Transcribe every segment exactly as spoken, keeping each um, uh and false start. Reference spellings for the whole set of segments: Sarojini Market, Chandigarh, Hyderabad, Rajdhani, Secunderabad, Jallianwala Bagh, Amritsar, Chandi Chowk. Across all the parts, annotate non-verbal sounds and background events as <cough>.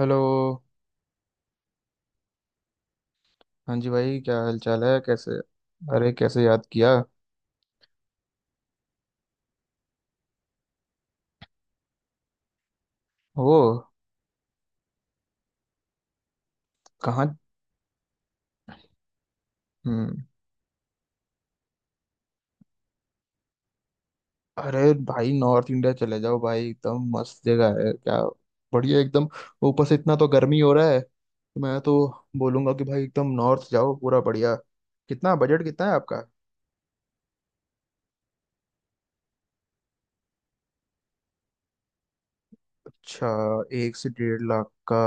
Hello. हाँ जी भाई, क्या हाल चाल है कैसे? अरे, कैसे याद किया? वो कहाँ? हम्म। अरे भाई, नॉर्थ इंडिया चले जाओ भाई, एकदम मस्त जगह है क्या, बढ़िया एकदम। ऊपर से इतना तो गर्मी हो रहा है तो मैं तो बोलूंगा कि भाई एकदम नॉर्थ जाओ, पूरा बढ़िया। कितना बजट कितना है आपका? अच्छा। एक से डेढ़ लाख का?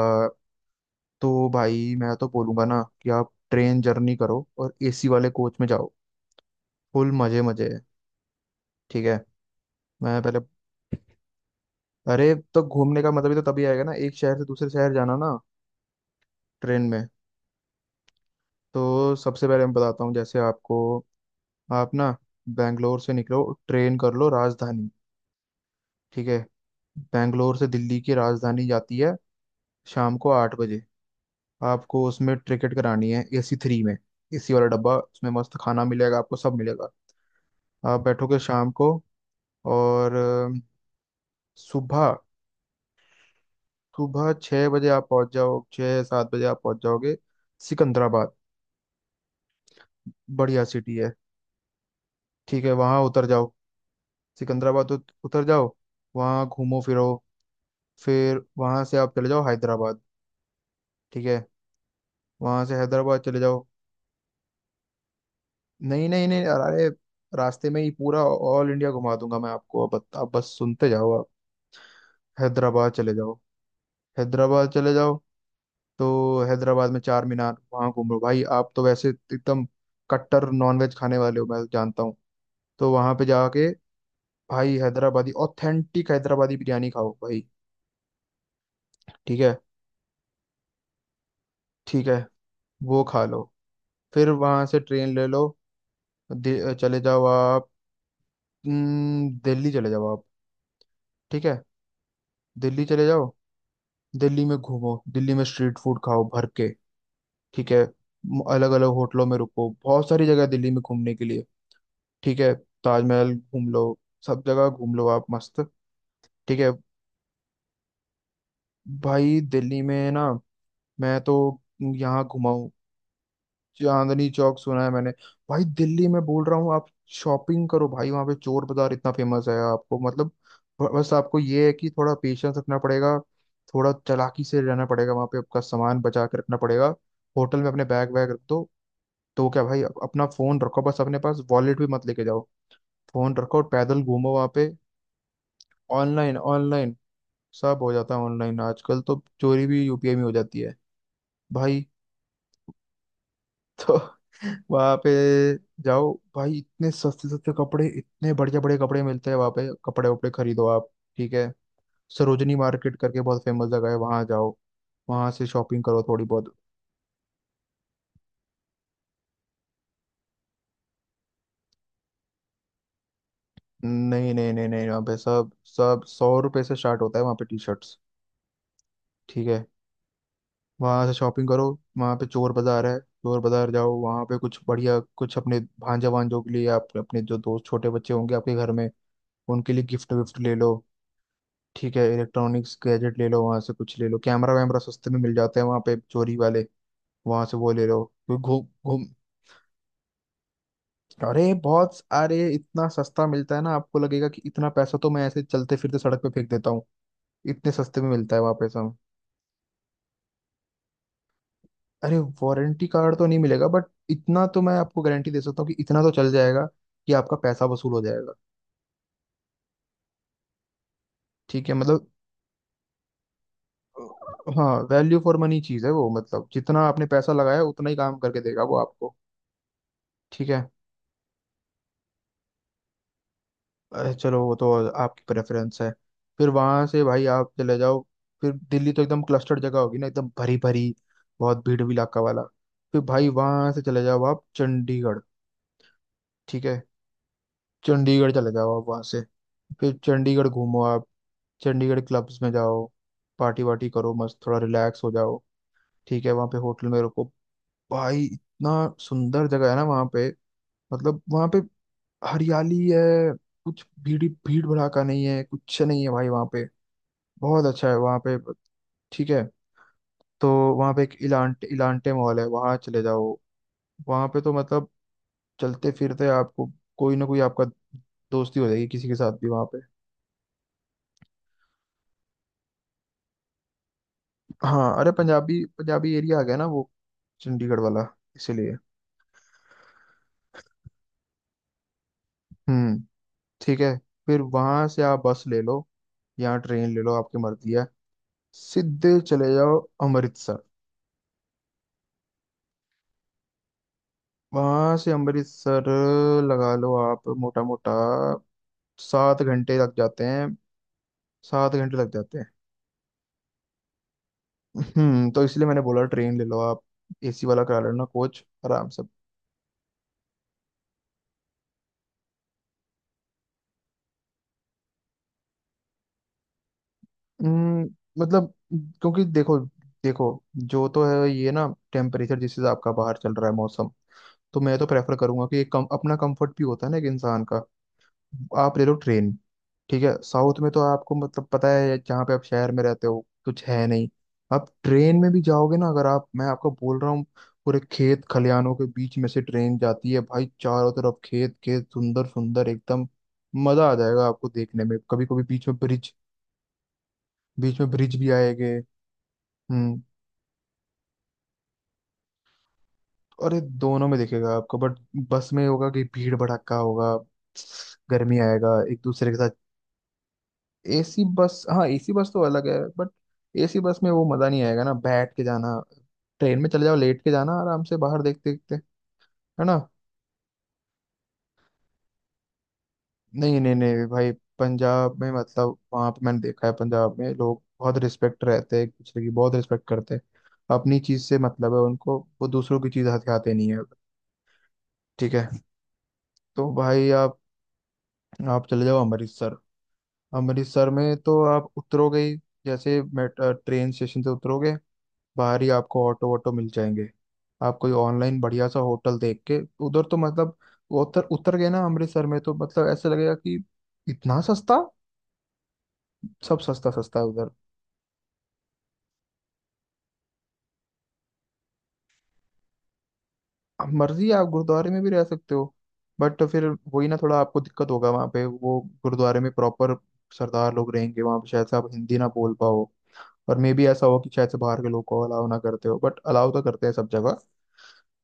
तो भाई मैं तो बोलूंगा ना कि आप ट्रेन जर्नी करो और एसी वाले कोच में जाओ। फुल मजे मजे है। ठीक है। मैं पहले... अरे तो घूमने का मतलब ही तो तभी आएगा ना, एक शहर से दूसरे शहर जाना ना, ट्रेन में। तो सबसे पहले मैं बताता हूँ, जैसे आपको, आप ना बैंगलोर से निकलो। ट्रेन कर लो राजधानी। ठीक है। बैंगलोर से दिल्ली की राजधानी जाती है शाम को आठ बजे। आपको उसमें टिकट करानी है एसी थ्री में। एसी वाला डब्बा, उसमें मस्त खाना मिलेगा, आपको सब मिलेगा। आप बैठोगे शाम को और अ, सुबह, सुबह छः बजे आप पहुंच जाओ, छः सात बजे आप पहुंच जाओगे सिकंदराबाद। बढ़िया सिटी है। ठीक है, वहाँ उतर जाओ। सिकंदराबाद उत- उतर जाओ। वहाँ घूमो फिरो। फिर वहाँ से आप चले जाओ हैदराबाद। ठीक है। वहाँ से हैदराबाद चले जाओ। नहीं नहीं नहीं, अरे रास्ते में ही पूरा ऑल इंडिया घुमा दूंगा मैं आपको। अब बत- आप बस सुनते जाओ आप। हैदराबाद चले जाओ। हैदराबाद चले जाओ। तो हैदराबाद में चार मीनार, वहाँ घूम लो भाई। आप तो वैसे एकदम कट्टर नॉनवेज खाने वाले हो, मैं जानता हूँ। तो वहाँ पे जाके भाई हैदराबादी, ऑथेंटिक हैदराबादी बिरयानी खाओ भाई। ठीक है। ठीक है, वो खा लो। फिर वहां से ट्रेन ले लो, दि- चले जाओ आप। हम्म, दिल्ली चले जाओ आप। ठीक है। दिल्ली चले जाओ। दिल्ली में घूमो, दिल्ली में स्ट्रीट फूड खाओ भर के। ठीक है। अलग अलग होटलों में रुको, बहुत सारी जगह है दिल्ली में घूमने के लिए। ठीक है। ताजमहल घूम लो, सब जगह घूम लो आप मस्त। ठीक है। भाई दिल्ली में ना, मैं तो यहाँ घुमाऊँ... चांदनी चौक सुना है मैंने। भाई दिल्ली में बोल रहा हूँ आप, शॉपिंग करो भाई। वहां पे चोर बाजार इतना फेमस है, आपको मतलब ब- बस आपको ये है कि थोड़ा पेशेंस रखना पड़ेगा। थोड़ा चालाकी से रहना पड़ेगा वहां पे, आपका सामान बचा के रखना पड़ेगा। होटल में अपने बैग वैग रख दो। तो क्या भाई, अप- अपना फोन रखो बस, अपने पास वॉलेट भी मत लेके जाओ। फोन रखो और पैदल घूमो वहां पे। ऑनलाइन, ऑनलाइन सब हो जाता है ऑनलाइन आजकल, तो चोरी भी यूपीआई में हो जाती है भाई। <laughs> तो वहां पे जाओ भाई, इतने सस्ते सस्ते कपड़े, इतने बढ़िया बढ़िया कपड़े मिलते हैं वहां पे। कपड़े वपड़े खरीदो आप। ठीक है। सरोजनी मार्केट करके बहुत फेमस जगह है, वहां जाओ, वहां से शॉपिंग करो थोड़ी बहुत। नहीं नहीं नहीं नहीं, वहाँ पे सब सब सौ रुपए से स्टार्ट होता है वहाँ पे टी शर्ट्स। ठीक है। वहां से शॉपिंग करो। वहां पे चोर बाजार है, चोर बाजार जाओ वहां पे। कुछ बढ़िया कुछ अपने भांजा भांजों के लिए, आप अपने जो दोस्त, छोटे बच्चे होंगे आपके घर में, उनके लिए गिफ्ट विफ्ट ले लो। ठीक है। इलेक्ट्रॉनिक्स गैजेट ले लो वहां से। कुछ ले लो, कैमरा वैमरा सस्ते में मिल जाते हैं वहां पे चोरी वाले। वहां से वो ले लो। तो घूम घूम... अरे बहुत, अरे इतना सस्ता मिलता है ना, आपको लगेगा कि इतना पैसा तो मैं ऐसे चलते फिरते सड़क पे फेंक देता हूँ। इतने सस्ते में मिलता है वहां पे सब। अरे वारंटी कार्ड तो नहीं मिलेगा बट इतना तो मैं आपको गारंटी दे सकता हूँ कि इतना तो चल जाएगा, कि आपका पैसा वसूल हो जाएगा। ठीक है, मतलब... हाँ, वैल्यू फॉर मनी चीज है वो, मतलब जितना आपने पैसा लगाया उतना ही काम करके देगा वो आपको। ठीक है। अरे चलो, वो तो आपकी प्रेफरेंस है। फिर वहां से भाई आप चले जाओ। फिर दिल्ली तो एकदम क्लस्टर्ड जगह होगी ना, एकदम भरी भरी, बहुत भीड़ भी इलाका वाला। फिर भाई वहां से चले जाओ आप चंडीगढ़। ठीक है। चंडीगढ़ चले जाओ आप वहां से, फिर चंडीगढ़ घूमो आप। चंडीगढ़ क्लब्स में जाओ, पार्टी वार्टी करो मस्त, थोड़ा रिलैक्स हो जाओ। ठीक है, वहाँ पे होटल में रुको। भाई इतना सुंदर जगह है ना वहाँ पे। मतलब वहाँ पे हरियाली है, कुछ भीड़ भीड़ भड़ाका नहीं है, कुछ नहीं है भाई वहाँ पे। बहुत अच्छा है वहाँ पे। ठीक है। तो वहाँ पे एक इलांटे इलांटे मॉल है, वहाँ चले जाओ। वहाँ पे तो मतलब चलते फिरते आपको कोई ना कोई, आपका दोस्ती हो जाएगी किसी के साथ भी वहाँ पे। हाँ, अरे पंजाबी पंजाबी एरिया आ गया ना वो चंडीगढ़ वाला, इसीलिए। हम्म। ठीक है। फिर वहाँ से आप बस ले लो या ट्रेन ले लो, आपकी मर्जी है। सीधे चले जाओ अमृतसर। वहाँ से अमृतसर लगा लो आप मोटा मोटा सात घंटे लग जाते हैं। सात घंटे लग जाते हैं। हम्म। तो इसलिए मैंने बोला ट्रेन ले लो आप, एसी वाला करा लेना कोच आराम से। हम्म, मतलब क्योंकि देखो, देखो जो तो है ये ना, टेम्परेचर जिस हिसाब का बाहर चल रहा है मौसम, तो मैं तो प्रेफर करूंगा कि एक कम, अपना कंफर्ट भी होता है ना एक इंसान का। आप ले लो ट्रेन। ठीक है। साउथ में तो आपको मतलब पता है, जहाँ पे आप शहर में रहते हो कुछ है नहीं। आप ट्रेन में भी जाओगे ना, अगर आप, मैं आपको बोल रहा हूँ, पूरे खेत खलियानों के बीच में से ट्रेन जाती है भाई। चारों तरफ खेत खेत, सुंदर सुंदर एकदम। मजा आ जाएगा आपको देखने में। कभी कभी बीच में ब्रिज, बीच में ब्रिज भी आएंगे। हम्म। और ये दोनों में दिखेगा आपको बट बस में होगा कि भीड़ भड़क्का होगा, गर्मी आएगा एक दूसरे के साथ। एसी बस, हाँ एसी बस तो अलग है बट एसी बस में वो मजा नहीं आएगा ना बैठ के जाना। ट्रेन में चले जाओ, लेट के जाना आराम से बाहर देखते देखते। है ना। नहीं नहीं नहीं भाई, पंजाब में मतलब वहां पे मैंने देखा है, पंजाब में लोग बहुत रिस्पेक्ट रहते हैं, एक दूसरे की बहुत रिस्पेक्ट करते हैं। अपनी चीज से मतलब है उनको, वो दूसरों की चीज हथियाते नहीं है। ठीक है। तो भाई आप आप- चले जाओ अमृतसर। अमृतसर में तो आप उतरोगे ही। जैसे मेट- अ, ट्रेन स्टेशन से उतरोगे, बाहर ही आपको ऑटो वोटो मिल जाएंगे। आप कोई ऑनलाइन बढ़िया सा होटल देख के... उधर तो मतलब उतर उतर गए ना अमृतसर में तो, मतलब ऐसे लगेगा कि इतना सस्ता, सब सस्ता सस्ता है उधर। अब मर्जी है आप गुरुद्वारे में भी रह सकते हो बट फिर वही ना, थोड़ा आपको दिक्कत होगा वहाँ पे। वो गुरुद्वारे में प्रॉपर सरदार लोग रहेंगे वहाँ पे, शायद से आप हिंदी ना बोल पाओ। और मे बी ऐसा हो कि शायद से बाहर के लोग को अलाउ ना करते हो, बट अलाउ तो करते हैं सब जगह।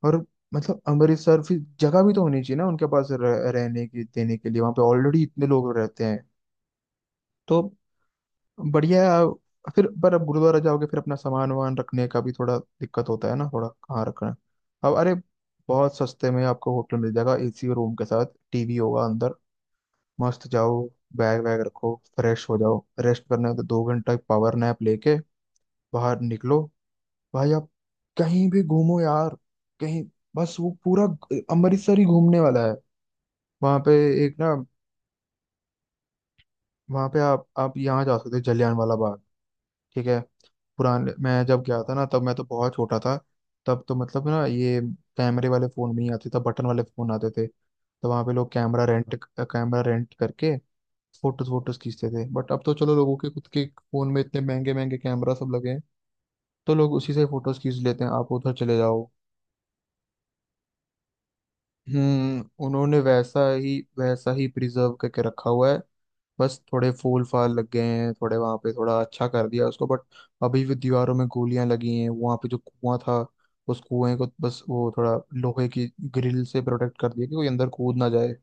और मतलब अमृतसर फिर जगह भी तो होनी चाहिए ना उनके पास रह, रहने की, देने के लिए, वहां पे ऑलरेडी इतने लोग रहते हैं। तो बढ़िया है आप- फिर पर अब गुरुद्वारा जाओगे, फिर अपना सामान वामान रखने का भी थोड़ा दिक्कत होता है ना, थोड़ा कहाँ रखना है। अब अरे, बहुत सस्ते में आपको होटल मिल जाएगा एसी रूम के साथ, टीवी होगा अंदर। मस्त जाओ, बैग वैग रखो, फ्रेश हो जाओ, रेस्ट करना है तो दो घंटा पावर नैप लेके बाहर निकलो। भाई आप कहीं भी घूमो यार, कहीं। बस वो पूरा अमृतसर ही घूमने वाला है। वहां पे एक ना, वहां पे आप आप यहाँ जा सकते हो जलियांवाला बाग। ठीक है। पुराने... मैं जब गया था ना तब मैं तो बहुत छोटा था। तब तो मतलब ना ये कैमरे वाले फोन भी नहीं आते तब, बटन वाले फोन आते थे। तो वहां पे लोग कैमरा रेंट, कैमरा रेंट करके फोटोज फोटोज खींचते थे, बट अब तो चलो लोगों के खुद के फोन में इतने महंगे महंगे कैमरा सब लगे हैं, तो लोग उसी से फोटोज खींच लेते हैं। आप उधर चले जाओ। हम्म। उन्होंने वैसा ही वैसा ही प्रिजर्व करके रखा हुआ है। बस थोड़े फूल फाल लग गए हैं थोड़े वहां पे, थोड़ा अच्छा कर दिया उसको बट अभी भी दीवारों में गोलियां लगी हैं वहां पे। जो कुआं था, उस कुएं को बस वो थोड़ा लोहे की ग्रिल से प्रोटेक्ट कर दिया कि कोई अंदर कूद ना जाए।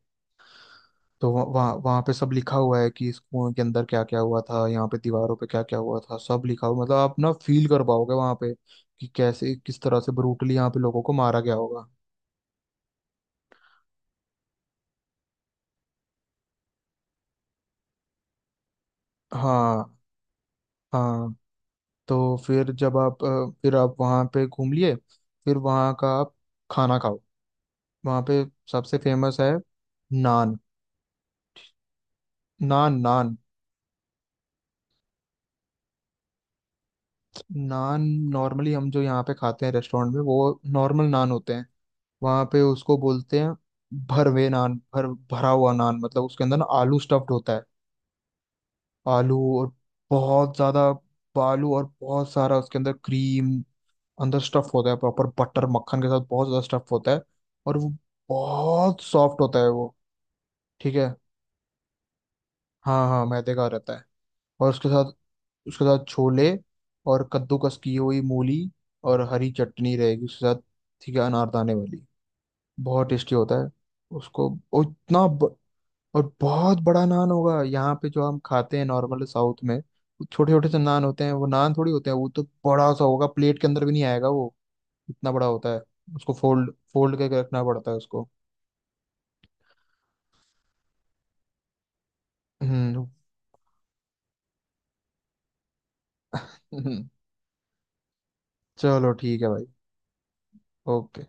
तो वह- वहाँ वहाँ पे सब लिखा हुआ है कि इस कुएं के अंदर क्या क्या हुआ था, यहाँ पे दीवारों पे क्या क्या हुआ था, सब लिखा हुआ। मतलब आप ना फील कर पाओगे वहाँ पे कि कैसे, किस तरह से ब्रूटली यहाँ पे लोगों को मारा गया होगा। हाँ हाँ। तो फिर जब आप अ, फिर आप वहाँ पे घूम लिए, फिर वहाँ का आप खाना खाओ। वहाँ पे सबसे फेमस है नान। नान नान नान। नॉर्मली हम जो यहाँ पे खाते हैं रेस्टोरेंट में, वो नॉर्मल नान होते हैं। वहाँ पे उसको बोलते हैं भरवे नान, भर भरा हुआ नान, मतलब उसके अंदर ना आलू स्टफ्ड होता है। आलू और बहुत ज्यादा, आलू और बहुत सारा, उसके अंदर क्रीम, अंदर स्टफ होता है प्रॉपर बटर मक्खन के साथ, बहुत ज्यादा स्टफ होता है। और वो बहुत सॉफ्ट होता है वो। ठीक है। हाँ हाँ, मैदे का रहता है। और उसके साथ, उसके साथ छोले और कद्दूकस की हुई मूली, और हरी चटनी रहेगी उसके साथ। ठीक है, अनारदाने वाली, बहुत टेस्टी होता है उसको। और इतना ब, और बहुत बड़ा नान होगा। यहाँ पे जो हम खाते हैं नॉर्मल साउथ में छोटे छोटे से नान होते हैं, वो नान थोड़ी होते हैं, वो तो बड़ा सा होगा, प्लेट के अंदर भी नहीं आएगा वो, इतना बड़ा होता है। उसको फोल्ड फोल्ड करके रखना पड़ता है उसको। हम्म। <laughs> चलो ठीक है भाई। ओके।